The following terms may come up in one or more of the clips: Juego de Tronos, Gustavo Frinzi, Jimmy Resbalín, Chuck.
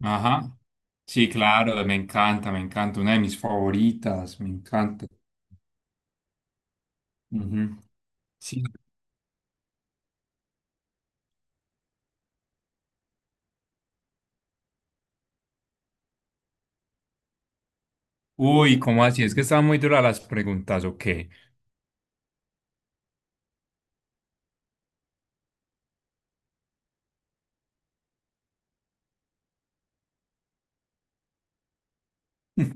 Ajá. Sí, claro, me encanta, me encanta. Una de mis favoritas, me encanta. Ujú. Sí. Uy, ¿cómo así? Es que estaban muy duras las preguntas, ¿o qué?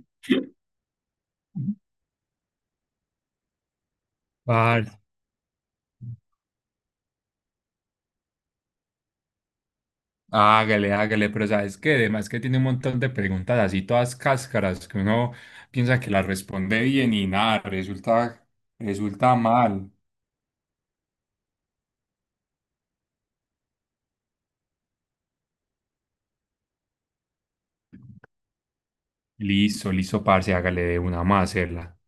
Vale. Hágale, hágale, pero sabes que además que tiene un montón de preguntas así, todas cáscaras, que uno piensa que las responde bien y nada, resulta, resulta mal. Listo, listo, parce, hágale de una más, hacerla.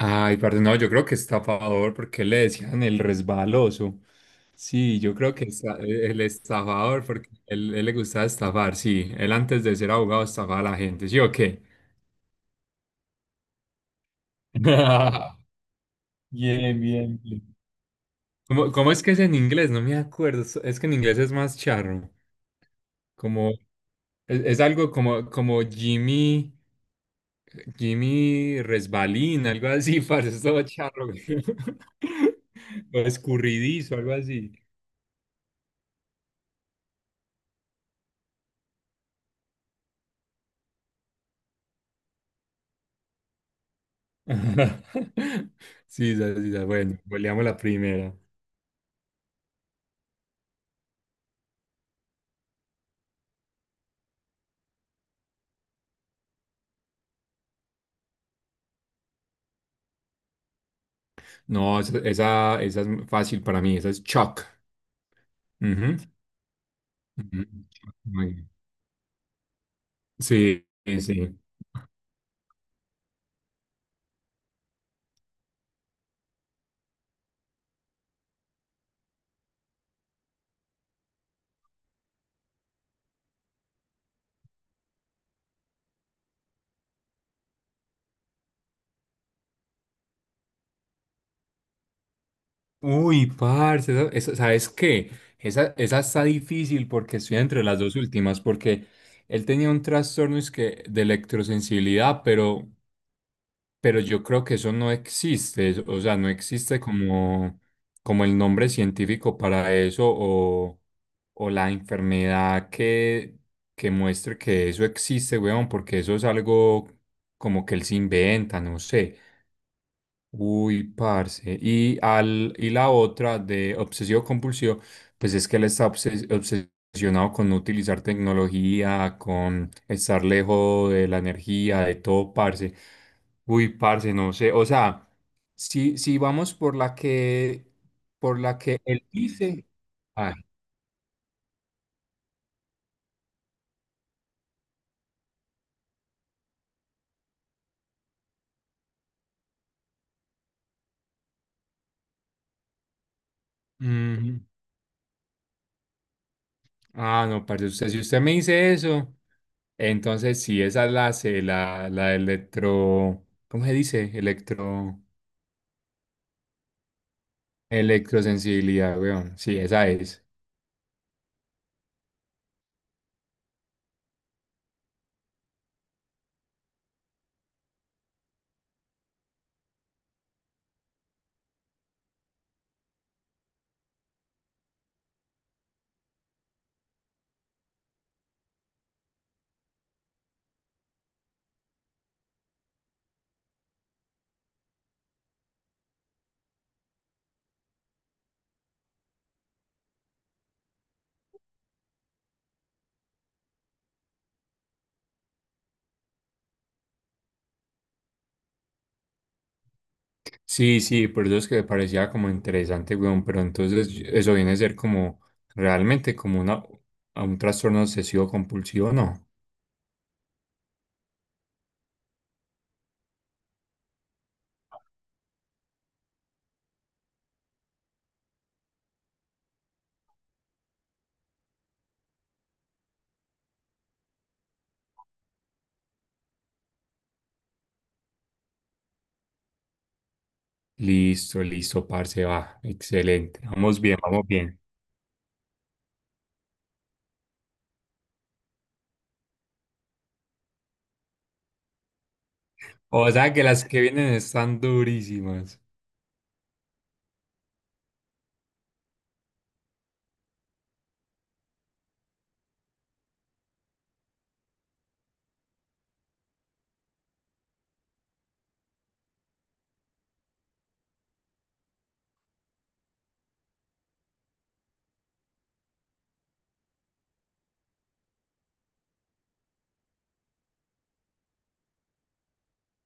Ay, parce, no, yo creo que estafador, porque le decían el resbaloso. Sí, yo creo que el estafador, porque él le gustaba estafar, sí. Él antes de ser abogado estafaba a la gente, ¿sí o qué? Bien, bien, bien. ¿Cómo es que es en inglés? No me acuerdo. Es que en inglés es más charro. Como, es algo como, como Jimmy, Jimmy Resbalín, algo así, parce, es todo charro. O escurridizo, algo así. Sí, bueno, goleamos la primera. No, esa es fácil para mí, esa es Chuck. Ujú, ujú, muy bien. Sí, sí, sí. Uy, parce, ¿sabes qué? Esa está difícil porque estoy entre las dos últimas, porque él tenía un trastorno de electrosensibilidad, pero yo creo que eso no existe, o sea, no existe como, como el nombre científico para eso o la enfermedad que muestre que eso existe, weón, porque eso es algo como que él se inventa, no sé. Uy, parce. Y la otra de obsesivo compulsivo, pues es que él está obsesionado con no utilizar tecnología, con estar lejos de la energía, de todo, parce. Uy, parce, no sé. O sea, si vamos por la que él dice. Ah, ujú. Ah, no, parce, si usted me dice eso, entonces sí, esa es la C, la electro. ¿Cómo se dice? Electro. Electrosensibilidad, weón. Sí, esa es. Sí, sí, por eso es que me parecía como interesante, weón. Pero entonces eso viene a ser como realmente a un trastorno obsesivo compulsivo, ¿no? Listo, listo, parce, va. Excelente. Vamos bien, vamos bien. O sea que las que vienen están durísimas.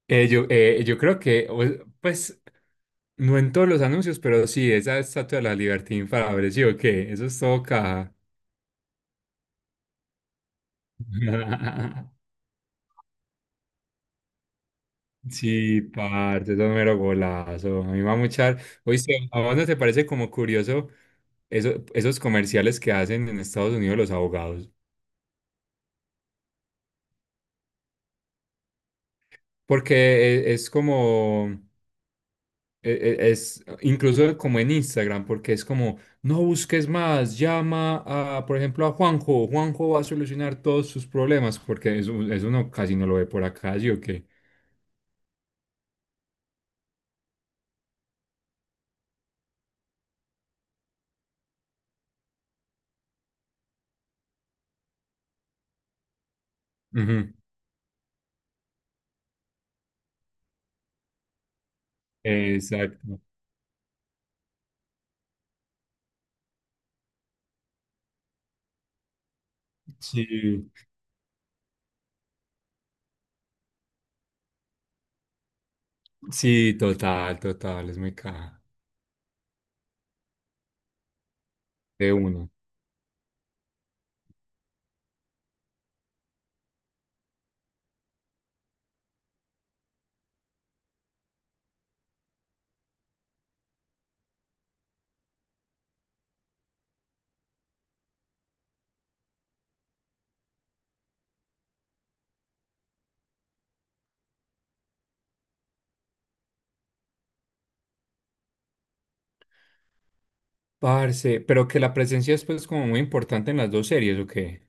Yo creo que, pues, no en todos los anuncios, pero sí, esa estatua de la libertad me, ¿sí o qué? Eso es todo caja. Sí, parte eso es mero golazo. A mí me va a muchar. Oíste, ¿a vos no te parece como curioso esos comerciales que hacen en Estados Unidos los abogados? Porque es, como, es incluso como en Instagram, porque es como, no busques más, llama a, por ejemplo, a Juanjo. Juanjo va a solucionar todos sus problemas, porque eso no, casi no lo ve por acá, ¿sí o qué? Ujú, exacto. Sí, sí, total, total, es muy caja. De uno. Parce, pero que la presencia es pues como muy importante en las dos series, ¿o qué?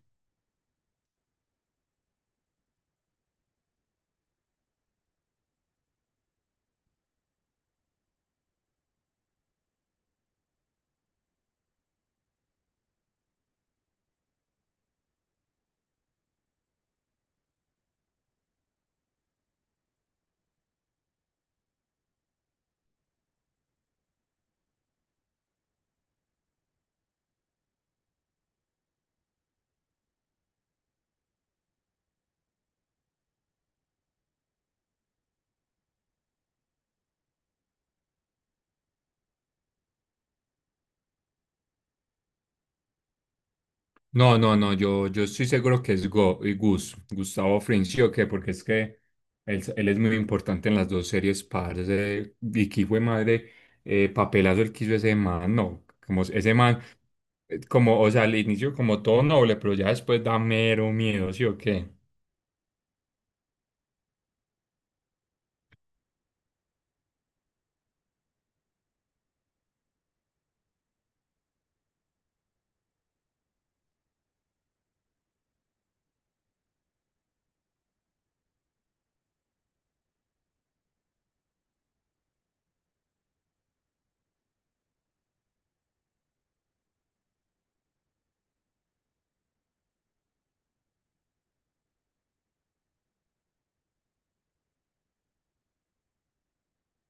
No, no, no, yo estoy seguro que es Gus, Gustavo Frinzi, ¿o qué? Porque es que él es muy importante en las dos series, parce, y que fue madre, papelazo el que hizo ese man, no, como ese man, como, o sea, al inicio como todo noble, pero ya después da mero miedo, ¿sí o qué?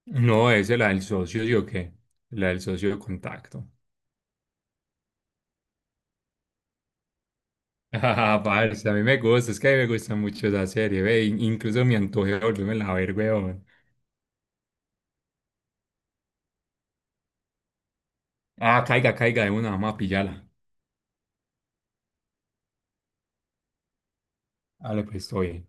No, es la del socio, ¿sí o qué? La del socio de contacto. Ah, parce, a mí me gusta, es que a mí me gusta mucho esa serie, ve, incluso me antojé de volverme a ver, weón. Ah, caiga, caiga de una, vamos a pillarla. Dale, pues, estoy bien.